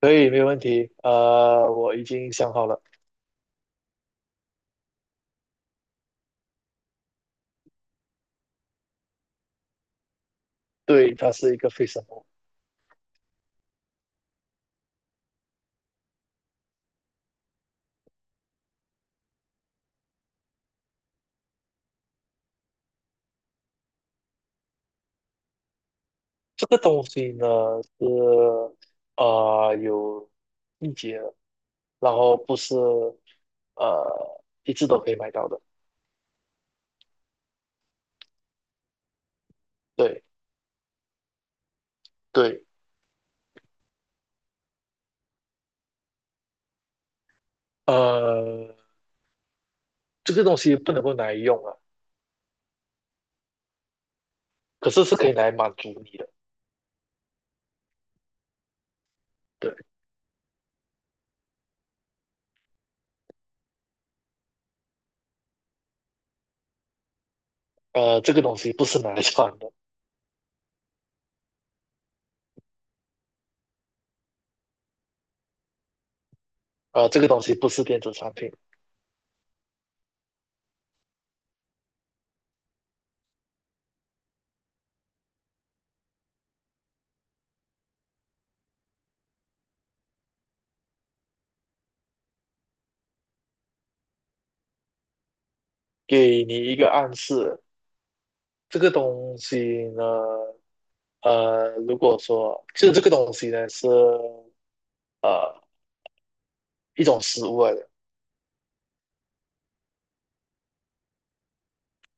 可以，没有问题。我已经想好了。对，它是一个非什么？这个东西呢是有季节的，然后不是一直都可以买到的。对对。呃，这个东西不能够拿来用啊，可是是可以拿来满足你的。对。这个东西不是拿来穿的。这个东西不是电子产品。给你一个暗示，这个东西呢。如果说就是这个东西呢是呃一种食物来的。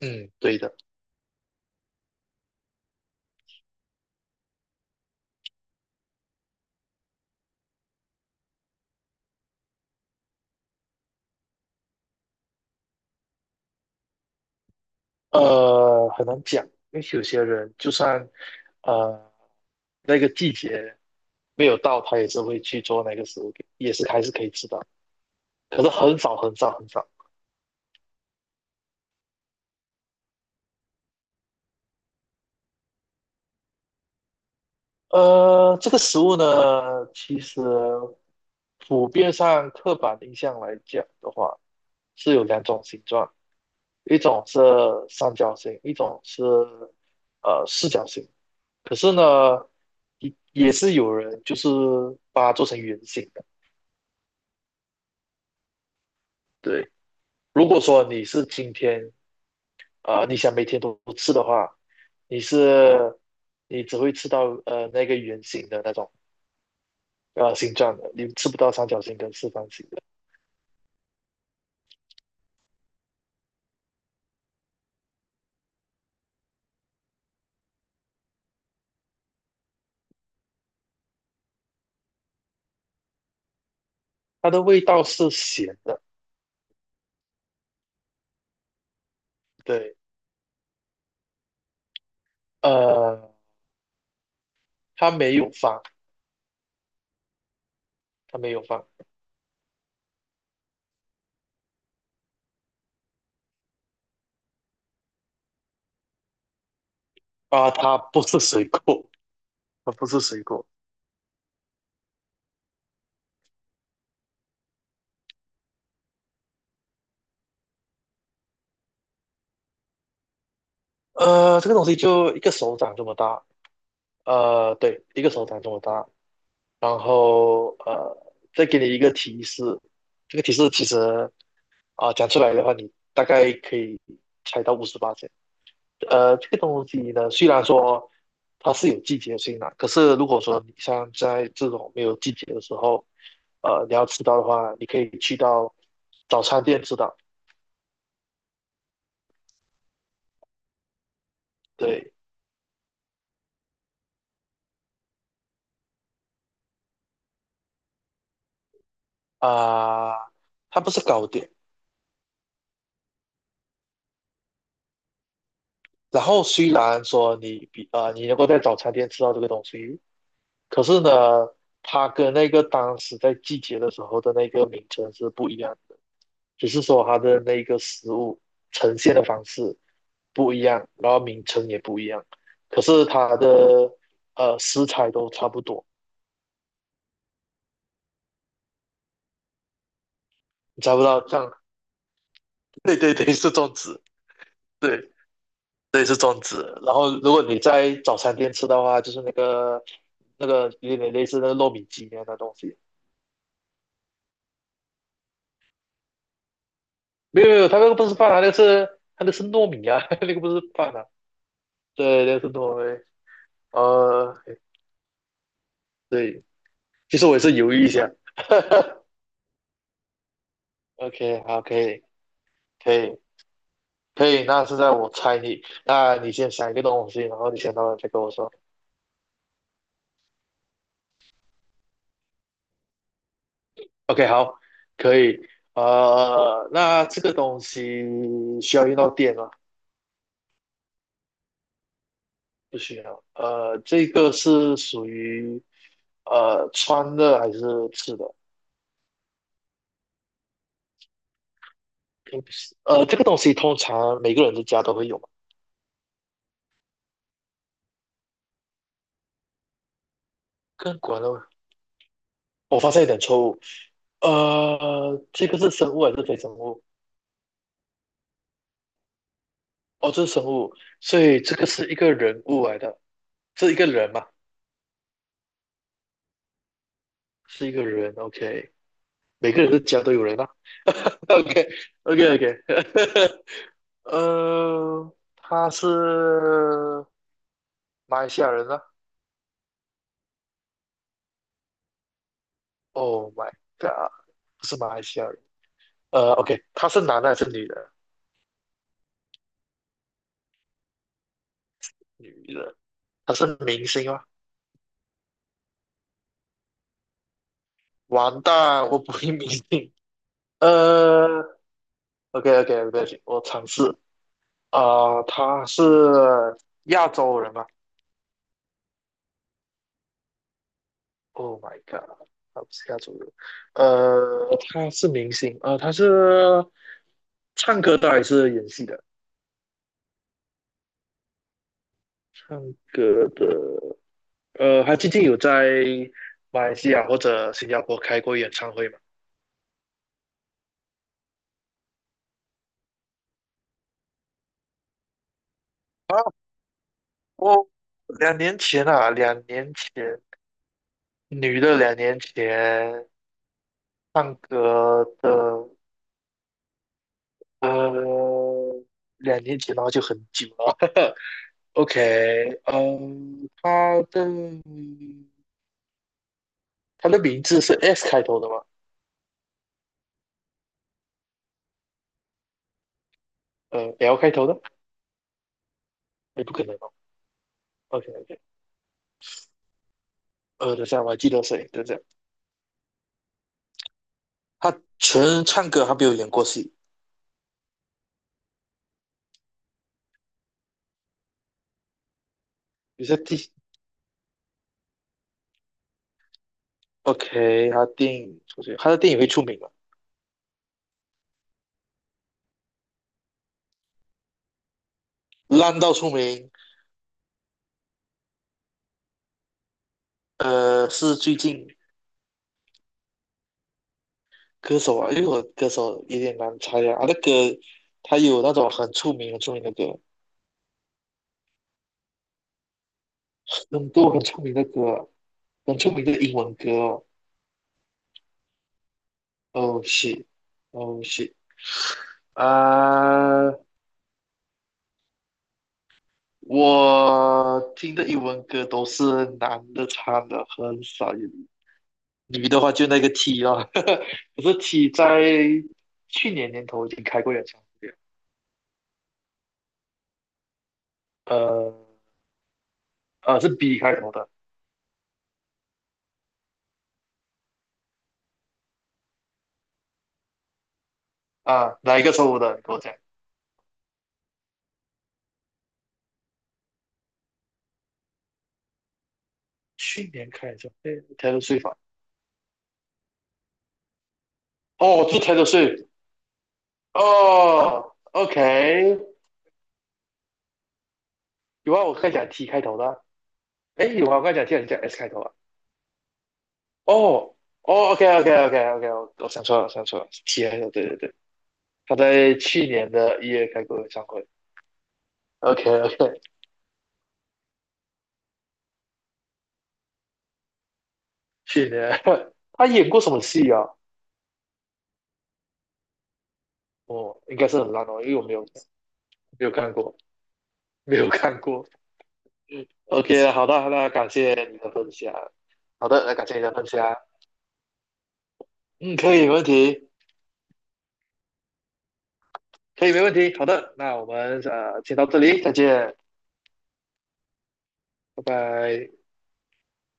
嗯，对的。很难讲，因为有些人就算呃那个季节没有到，他也是会去做那个食物给，也是还是可以吃到，可是很少很少很少。这个食物呢，其实普遍上刻板印象来讲的话，是有两种形状，一种是三角形，一种是四角形。可是呢，也是有人就是把它做成圆形的。对，如果说你是今天啊、呃你想每天都吃的话，你是你只会吃到那个圆形的那种形状的，你吃不到三角形跟四方形的。它的味道是咸的。对。呃，它没有放，它没有放。它不是水果，它不是水果。这个东西就一个手掌这么大。对，一个手掌这么大。然后再给你一个提示，这个提示其实讲出来的话，你大概可以猜到58。这个东西呢，虽然说它是有季节性的，可是如果说你像在这种没有季节的时候，你要吃到的话，你可以去到早餐店吃到。对。啊、它不是糕点。然后虽然说你你能够在早餐店吃到这个东西，可是呢，它跟那个当时在季节的时候的那个名称是不一样的，只是说它的那个食物呈现的方式不一样，然后名称也不一样，可是它的食材都差不多。你猜不到，这样。对对对，是粽子。对对，是粽子。然后如果你在早餐店吃的话，就是那个有点类似那个糯米鸡那样的东西。没有没有，它那个不是饭啊，它那个是糯米啊，那个不是饭啊。对，那个是糯米。哦，OK。对，其实我也是犹豫一下。OK，好，可以，可以，可以。那现在我猜你，那你先想一个东西，然后你想到了再跟我说。OK，好，可以。那这个东西需要用到电吗？不需要。这个是属于穿的还是吃的？平时这个东西通常每个人的家都会有嘛。更管的，我发现一点错误。这个是生物还是非生物？哦，这是生物，所以这个是一个人物来的，是一个人嘛，是一个人。OK，每个人的家都有人啊。OK，OK，OK。他是马来西亚人啊。Oh my god，不是马来西亚人。OK，他是男的还是女的？女的，他是明星吗？完蛋，我不会明星。呃，OK，OK，对不起，我尝试。他是亚洲人吗？Oh my god，他不是亚洲人。他是明星。他是唱歌的还是演戏的？唱歌的。他最近有在马来西亚或者新加坡开过演唱会吗？啊，我两年前啊，两年前，女的两年前唱歌的。呃，两年前然后就很久了。OK，嗯，她的名字是 S 开头的吗？L 开头的，也不可能哦。OK OK。等下我还记得谁？等下，他纯唱歌，他没有演过戏。你在第 OK，他电影出去，他的电影会出名吗？烂到出名。呃，是最近歌手啊，因为我歌手有点难猜啊。他的歌，那个他有那种很出名、很出名的歌，很多很出名的歌，很出名的英文歌哦。Oh s h 啊、我听的英文歌都是男的唱的，很少有女的话就那个 T 哦。可是 T 在去年年头已经开过演唱会了。呃是 B 开头的。啊，哪一个错误的？你跟我讲，去年开演唱会 Taylor Swift 啊。哦，是 Taylor Swift。 哦，OK，有啊，我刚才讲 T 开头的啊。诶，有啊，我刚才讲 T 还是讲 S 开头啊？哦哦，OK OK OK OK，我想错了，想错了，T 开头，对对对。他在去年的1月开过演唱会。OK OK，去年 他演过什么戏啊？哦，应该是很烂哦，因为我没有看过，没有看过。嗯 OK，好的，那感谢你的分享。好的，那感谢你的分享。嗯，可以，没问题，可以，没问题。好的，那我们先到这里，再见，拜拜。